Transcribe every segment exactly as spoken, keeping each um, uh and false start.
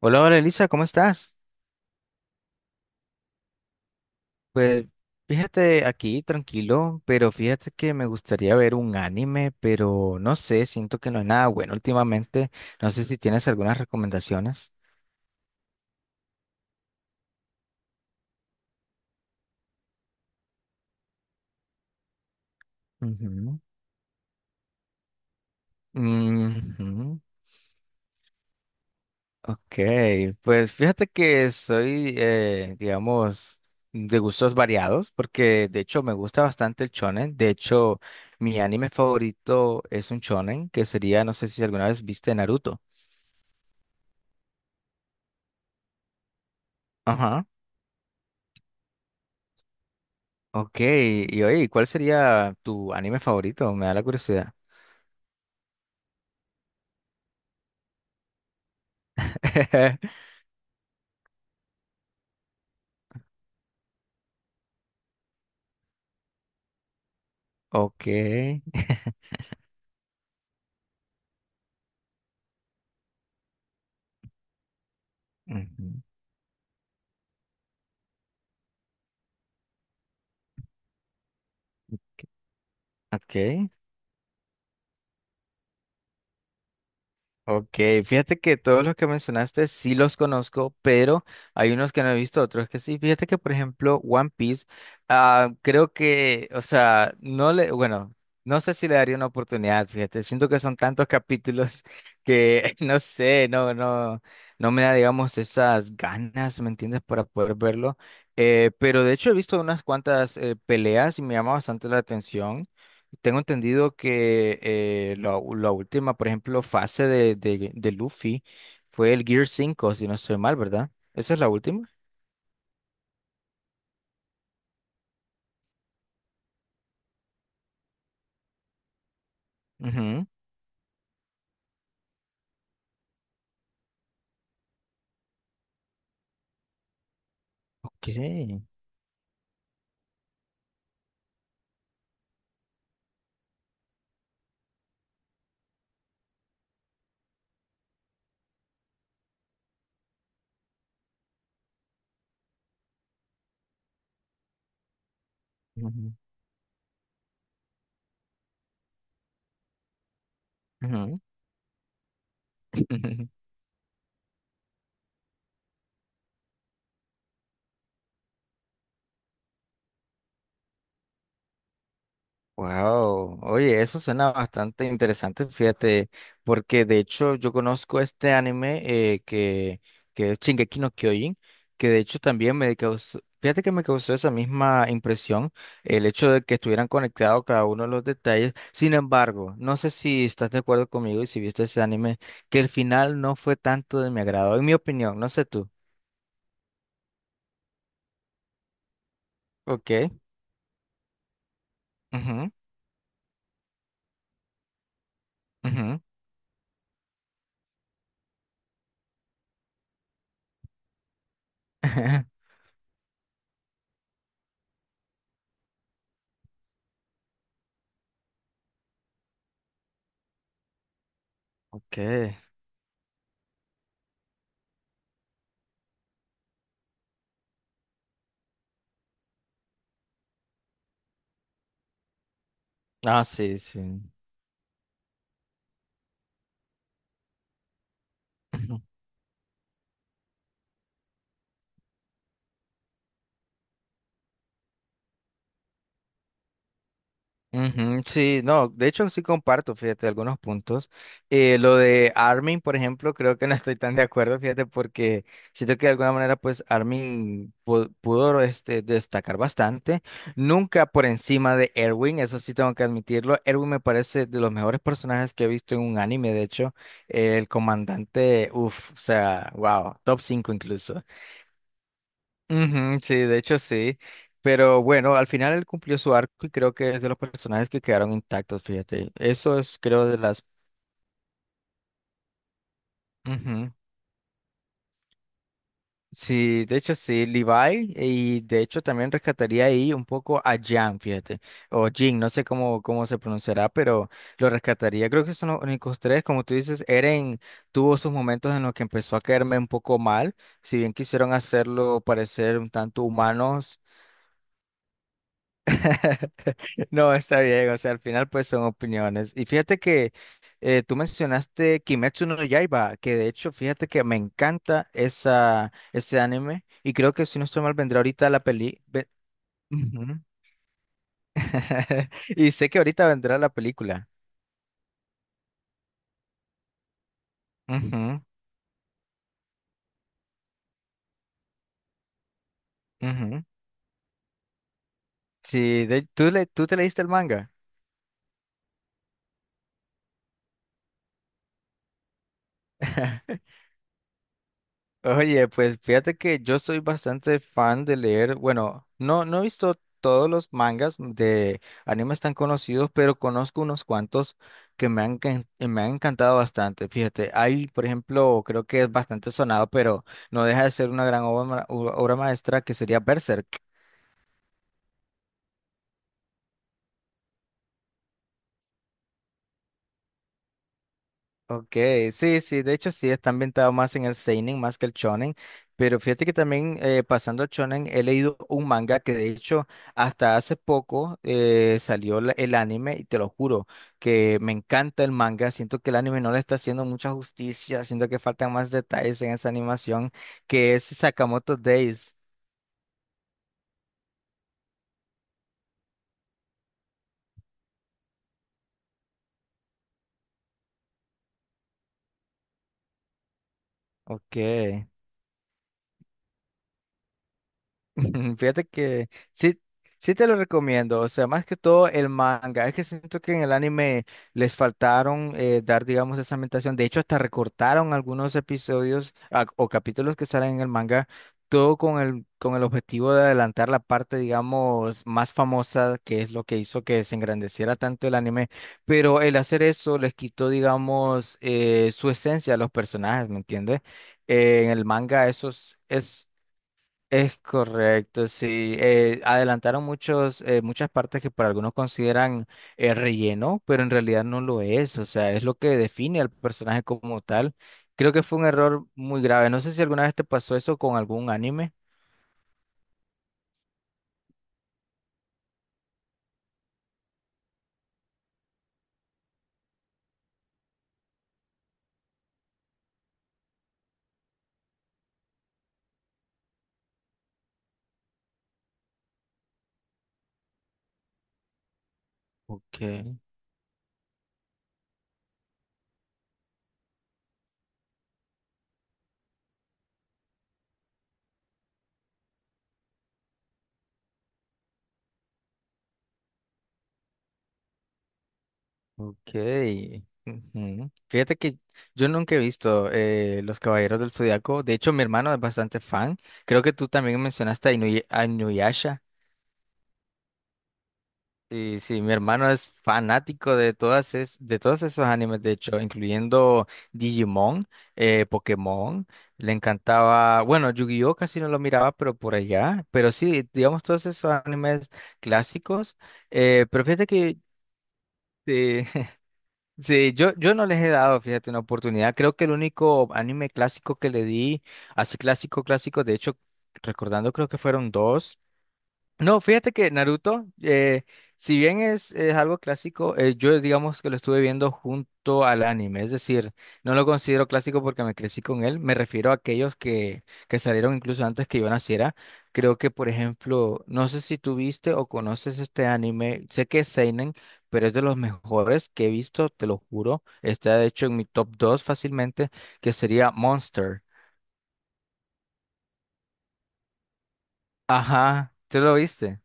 Hola, hola Elisa, ¿cómo estás? Pues fíjate aquí, tranquilo, pero fíjate que me gustaría ver un anime, pero no sé, siento que no es nada bueno últimamente. No sé si tienes algunas recomendaciones. Ujú. Ujú. Ok, pues fíjate que soy, eh, digamos, de gustos variados, porque de hecho me gusta bastante el shonen. De hecho, mi anime favorito es un shonen, que sería, no sé si alguna vez viste Naruto. Ajá. Ok, y oye, ¿cuál sería tu anime favorito? Me da la curiosidad. Ok. Ujú. Ok. Ok, fíjate que todos los que mencionaste sí los conozco, pero hay unos que no he visto, otros que sí. Fíjate que, por ejemplo, One Piece, ah, creo que, o sea, no le, bueno, no sé si le daría una oportunidad, fíjate, siento que son tantos capítulos que, no sé, no, no, no me da, digamos, esas ganas, ¿me entiendes?, para poder verlo. Eh, pero de hecho he visto unas cuantas eh, peleas y me llama bastante la atención. Tengo entendido que eh, la, u- la última, por ejemplo, fase de, de, de Luffy fue el Gear cinco, si no estoy mal, ¿verdad? ¿Esa es la última? Ujú. Ok. Ujú. Ujú. Wow, oye, eso suena bastante interesante, fíjate, porque de hecho yo conozco este anime eh, que, que es Shingeki no Kyojin, que de hecho también me causó, fíjate que me causó esa misma impresión, el hecho de que estuvieran conectados cada uno de los detalles. Sin embargo, no sé si estás de acuerdo conmigo y si viste ese anime, que el final no fue tanto de mi agrado, en mi opinión, no sé tú. Ok. Ujú, ujú. Ok. Ah, sí, sí. Ujú, sí, no, de hecho sí comparto, fíjate, algunos puntos. Eh, lo de Armin, por ejemplo, creo que no estoy tan de acuerdo, fíjate, porque siento que de alguna manera, pues Armin pu- pudo, este, destacar bastante, nunca por encima de Erwin, eso sí tengo que admitirlo. Erwin me parece de los mejores personajes que he visto en un anime, de hecho, el comandante, uff, o sea, wow, top cinco incluso. Ujú, sí, de hecho sí. Pero bueno, al final él cumplió su arco y creo que es de los personajes que quedaron intactos, fíjate. Eso es, creo, de las... Ujú. Sí, de hecho sí, Levi y de hecho también rescataría ahí un poco a Jan, fíjate, o Jin, no sé cómo, cómo se pronunciará, pero lo rescataría. Creo que son los únicos tres, como tú dices, Eren tuvo sus momentos en los que empezó a caerme un poco mal, si bien quisieron hacerlo parecer un tanto humanos. No, está bien, o sea, al final pues son opiniones. Y fíjate que eh, tú mencionaste Kimetsu no Yaiba, que de hecho fíjate que me encanta esa, ese anime y creo que si no estoy mal vendrá ahorita la peli... ve- Ujú. Y sé que ahorita vendrá la película. Ujú, ujú. Sí, de- ¿tú, le, tú te leíste el manga? Oye, pues fíjate que yo soy bastante fan de leer, bueno, no, no he visto todos los mangas de animes tan conocidos, pero conozco unos cuantos que me han, can- eh, me han encantado bastante. Fíjate, hay, por ejemplo, creo que es bastante sonado, pero no deja de ser una gran obra, ma- obra maestra que sería Berserk. Ok, sí, sí, de hecho sí, está ambientado más en el seinen más que el shonen, pero fíjate que también eh, pasando al shonen he leído un manga que de hecho hasta hace poco eh, salió la- el anime y te lo juro que me encanta el manga, siento que el anime no le está haciendo mucha justicia, siento que faltan más detalles en esa animación que es Sakamoto Days. Ok. Fíjate que sí, sí te lo recomiendo, o sea, más que todo el manga, es que siento que en el anime les faltaron eh, dar, digamos, esa ambientación, de hecho hasta recortaron algunos episodios ah, o capítulos que salen en el manga, todo con el, con el objetivo de adelantar la parte, digamos, más famosa, que es lo que hizo que se engrandeciera tanto el anime, pero el hacer eso les quitó, digamos, eh, su esencia a los personajes, ¿me entiendes? Eh, en el manga eso es... es es correcto, sí. Eh, adelantaron muchos, eh, muchas partes que para algunos consideran eh, relleno, pero en realidad no lo es. O sea, es lo que define al personaje como tal. Creo que fue un error muy grave. No sé si alguna vez te pasó eso con algún anime. Okay, okay. Ujú. Fíjate que yo nunca he visto eh, Los Caballeros del Zodiaco. De hecho, mi hermano es bastante fan. Creo que tú también mencionaste a Inuy- a Inuyasha. Sí, sí, mi hermano es fanático de todas es- de todos esos animes, de hecho, incluyendo Digimon, eh, Pokémon, le encantaba, bueno, Yu-Gi-Oh casi no lo miraba, pero por allá, pero sí, digamos todos esos animes clásicos, eh, pero fíjate que eh, sí, yo, yo no les he dado, fíjate, una oportunidad, creo que el único anime clásico que le di, así clásico, clásico, de hecho, recordando creo que fueron dos. No, fíjate que Naruto, eh, si bien es, es algo clásico, eh, yo digamos que lo estuve viendo junto al anime, es decir, no lo considero clásico porque me crecí con él, me refiero a aquellos que, que salieron incluso antes que yo naciera. Creo que, por ejemplo, no sé si tú viste o conoces este anime, sé que es Seinen, pero es de los mejores que he visto, te lo juro, está de hecho en mi top dos fácilmente, que sería Monster. Ajá, ¿tú lo viste?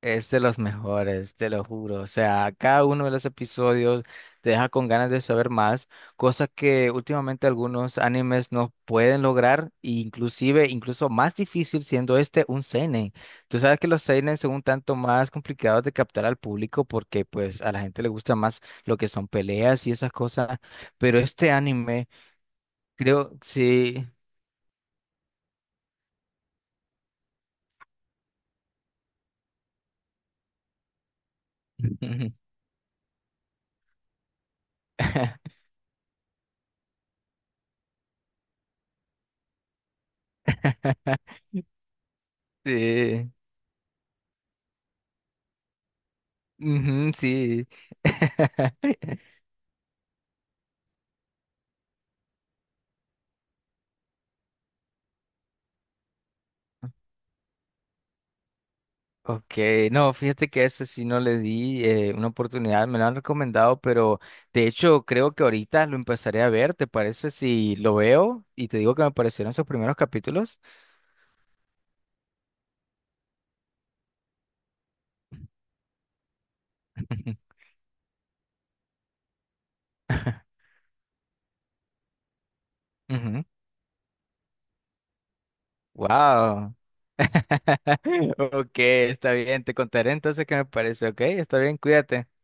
Es de los mejores, te lo juro. O sea, cada uno de los episodios te deja con ganas de saber más, cosas que últimamente algunos animes no pueden lograr, e inclusive, incluso más difícil siendo este un seinen. Tú sabes que los seinen son un tanto más complicados de captar al público porque pues a la gente le gusta más lo que son peleas y esas cosas, pero este anime, creo, sí. Sí. Ujú, sí. Ok, no, fíjate que a ese sí no le di eh, una oportunidad, me lo han recomendado, pero de hecho creo que ahorita lo empezaré a ver, ¿te parece si lo veo? Y te digo que me parecieron esos primeros capítulos. Ujú. Wow, ok, está bien, te contaré entonces qué me parece, ok, está bien, cuídate.